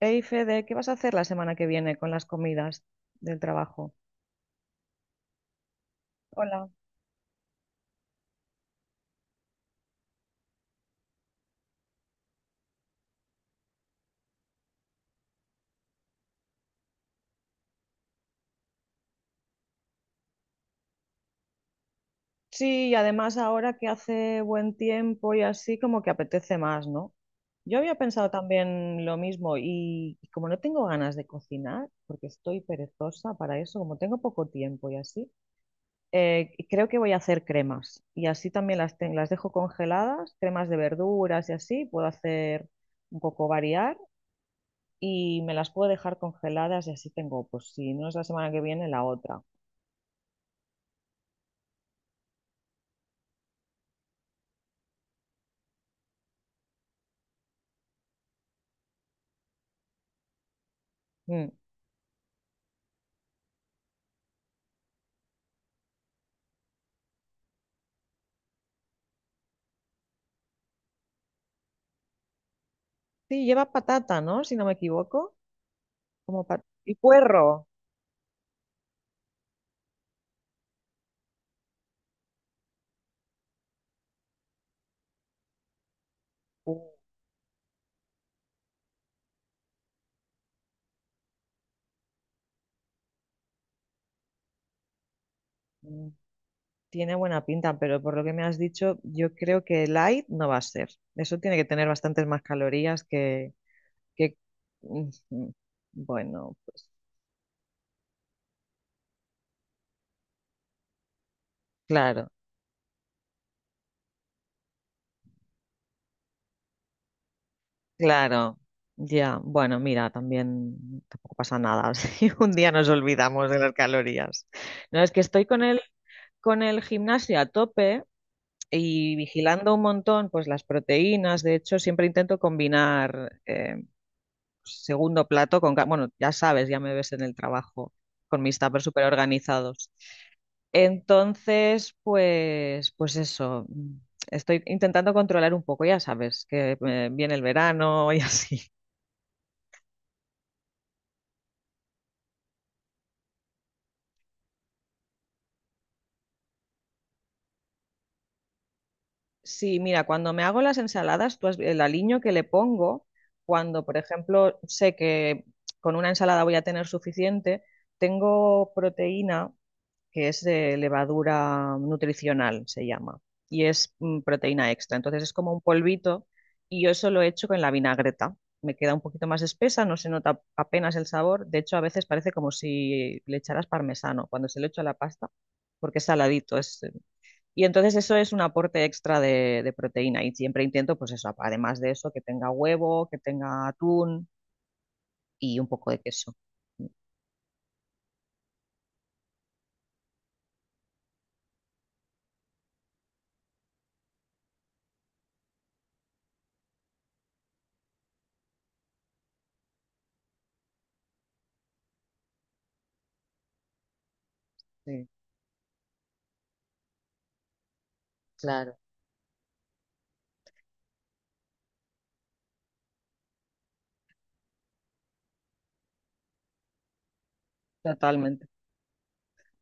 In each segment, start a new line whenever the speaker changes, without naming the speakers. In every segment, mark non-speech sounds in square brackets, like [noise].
Hey Fede, ¿qué vas a hacer la semana que viene con las comidas del trabajo? Hola. Sí, y además ahora que hace buen tiempo y así, como que apetece más, ¿no? Yo había pensado también lo mismo y como no tengo ganas de cocinar, porque estoy perezosa para eso, como tengo poco tiempo y así, creo que voy a hacer cremas y así también las dejo congeladas, cremas de verduras y así, puedo hacer un poco variar y me las puedo dejar congeladas y así tengo, pues si no es la semana que viene, la otra. Mm. Sí, lleva patata, ¿no? Si no me equivoco. Como y puerro. Uh, mm, tiene buena pinta, pero por lo que me has dicho, yo creo que light no va a ser. Eso tiene que tener bastantes más calorías que... Ujú. Bueno, pues claro, claro. Ya, bueno, mira, también tampoco pasa nada [laughs] si un día nos olvidamos de las calorías. No, es que estoy con el gimnasio a tope y vigilando un montón, pues las proteínas. De hecho, siempre intento combinar segundo plato bueno, ya sabes, ya me ves en el trabajo con mis tuppers súper organizados. Entonces, pues, pues eso. Estoy intentando controlar un poco, ya sabes, que viene el verano y así. Sí, mira, cuando me hago las ensaladas, el aliño que le pongo, cuando, por ejemplo, sé que con una ensalada voy a tener suficiente, tengo proteína que es de levadura nutricional, se llama, y es proteína extra. Entonces es como un polvito y yo eso lo he hecho con la vinagreta. Me queda un poquito más espesa, no se nota apenas el sabor. De hecho, a veces parece como si le echaras parmesano cuando se lo echo a la pasta, porque es saladito, es, y entonces eso es un aporte extra de proteína y siempre intento, pues eso, además de eso, que tenga huevo, que tenga atún y un poco de queso. Sí, claro. Totalmente.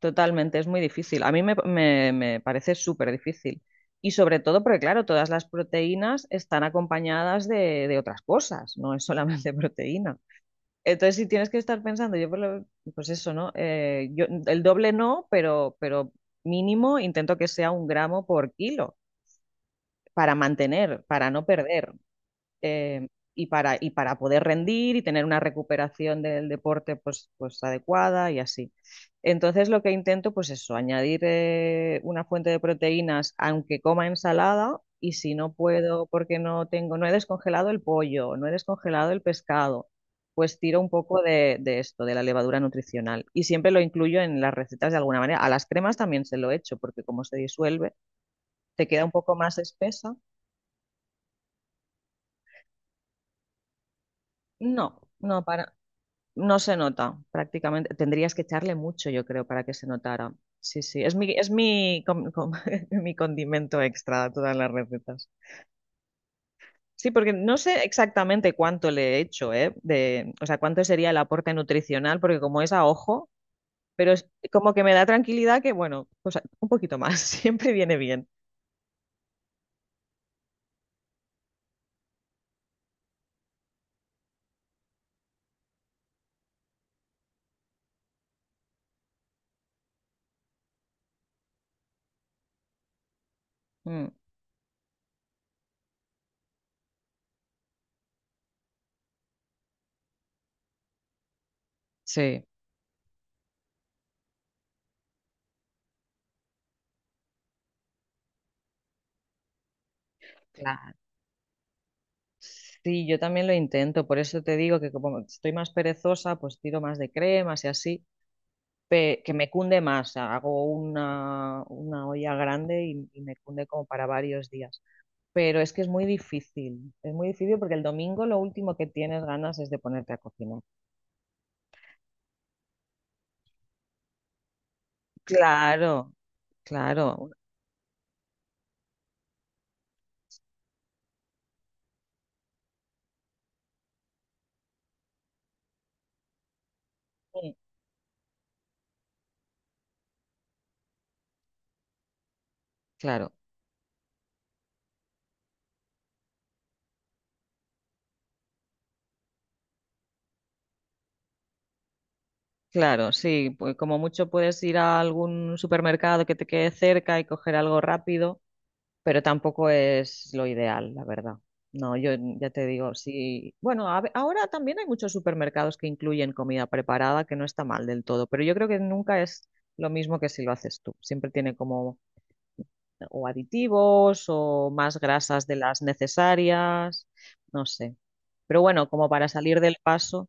Totalmente, es muy difícil. A mí me parece súper difícil. Y sobre todo porque, claro, todas las proteínas están acompañadas de otras cosas, no es solamente [laughs] proteína. Entonces, si tienes que estar pensando, pues eso, ¿no? Yo, el doble no, pero mínimo intento que sea un gramo por kilo para mantener, para no perder eh, y para poder rendir y tener una recuperación del deporte pues, pues adecuada y así. Entonces lo que intento pues eso, añadir una fuente de proteínas aunque coma ensalada y si no puedo porque no tengo, no he descongelado el pollo, no he descongelado el pescado, pues tiro un poco de esto, de la levadura nutricional y siempre lo incluyo en las recetas de alguna manera. A las cremas también se lo echo porque como se disuelve, te queda un poco más espesa. No, no, para No se nota, prácticamente. Tendrías que echarle mucho, yo creo, para que se notara. Sí, sí. Es mi, com- com- [laughs] mi condimento extra a todas las recetas. Sí, porque no sé exactamente cuánto le he hecho, ¿eh? De, o sea, cuánto sería el aporte nutricional, porque como es a ojo, pero es como que me da tranquilidad que, bueno, pues un poquito más, [laughs] siempre viene bien. Mm, sí, claro. Sí, yo también lo intento, por eso te digo que como estoy más perezosa, pues tiro más de cremas y así. Que me cunde más. Hago una olla grande y me cunde como para varios días. Pero es que es muy difícil porque el domingo lo último que tienes ganas es de ponerte a cocinar. Claro, claro, un- claro, claro, sí, pues como mucho puedes ir a algún supermercado que te quede cerca y coger algo rápido pero tampoco es lo ideal, la verdad. No, yo ya te digo, sí. Bueno, ahora también hay muchos supermercados que incluyen comida preparada, que no está mal del todo, pero yo creo que nunca es lo mismo que si lo haces tú. Siempre tiene como o aditivos o más grasas de las necesarias, no sé. Pero bueno, como para salir del paso,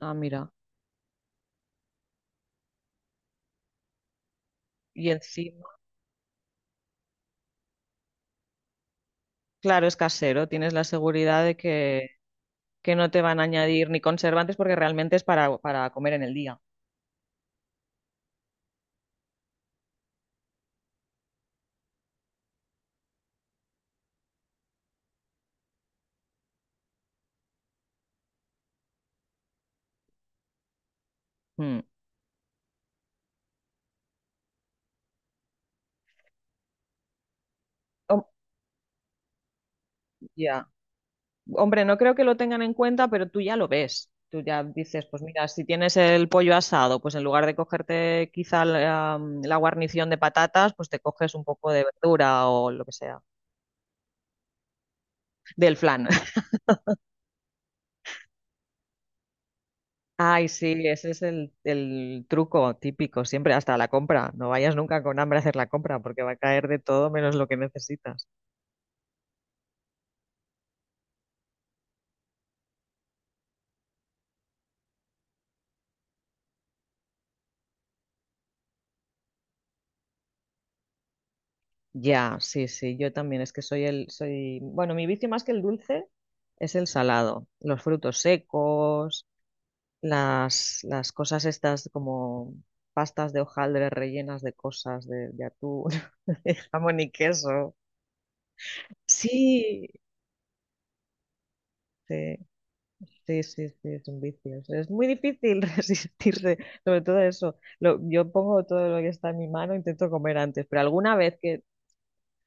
ah, mira. Y encima, claro, es casero, tienes la seguridad de que no te van a añadir ni conservantes porque realmente es para comer en el día. Mm. Ya. Hombre, no creo que lo tengan en cuenta, pero tú ya lo ves. Tú ya dices, pues mira, si tienes el pollo asado, pues en lugar de cogerte quizá la, la guarnición de patatas, pues te coges un poco de verdura o lo que sea, del flan. [laughs] Ay, sí, ese es el truco típico, siempre hasta la compra. No vayas nunca con hambre a hacer la compra porque va a caer de todo menos lo que necesitas. Ya, sí, sí, yo también es que soy el, soy, bueno, mi vicio más que el dulce es el salado, los frutos secos. Las las cosas estas como pastas de hojaldre rellenas de cosas, de atún, [laughs] de jamón y queso. Sí, sí, sí, sí, sí, es un vicio. Es muy difícil [laughs] resistirse, sobre todo eso. Yo pongo todo lo que está en mi mano, intento comer antes, pero alguna vez que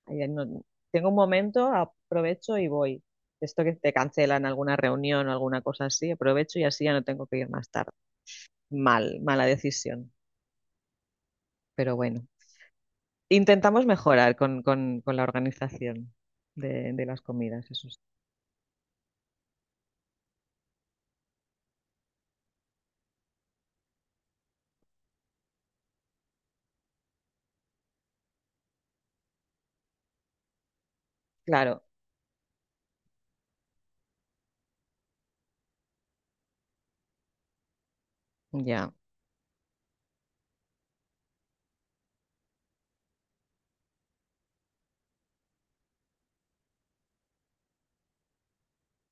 ay, no- tengo un momento, aprovecho y voy. Esto que te cancelan alguna reunión o alguna cosa así, aprovecho y así ya no tengo que ir más tarde. Mal, mala decisión, pero bueno. Intentamos mejorar con la organización de las comidas, eso sí. Claro, ya.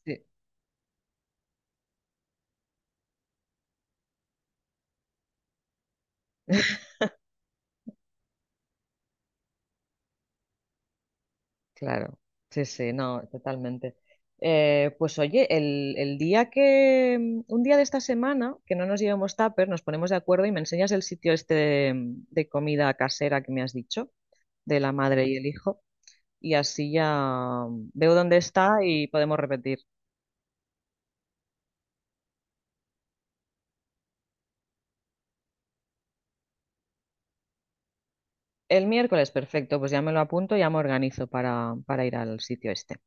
Sí. [laughs] Claro, sí, sí, no, totalmente. Pues oye, el día que, un día de esta semana, que no nos llevemos tupper, nos ponemos de acuerdo y me enseñas el sitio este de comida casera que me has dicho, de la madre y el hijo, y así ya veo dónde está y podemos repetir. El miércoles, perfecto, pues ya me lo apunto, ya me organizo para ir al sitio este.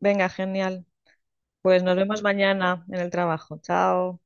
Venga, genial. Pues nos vemos mañana en el trabajo. Chao.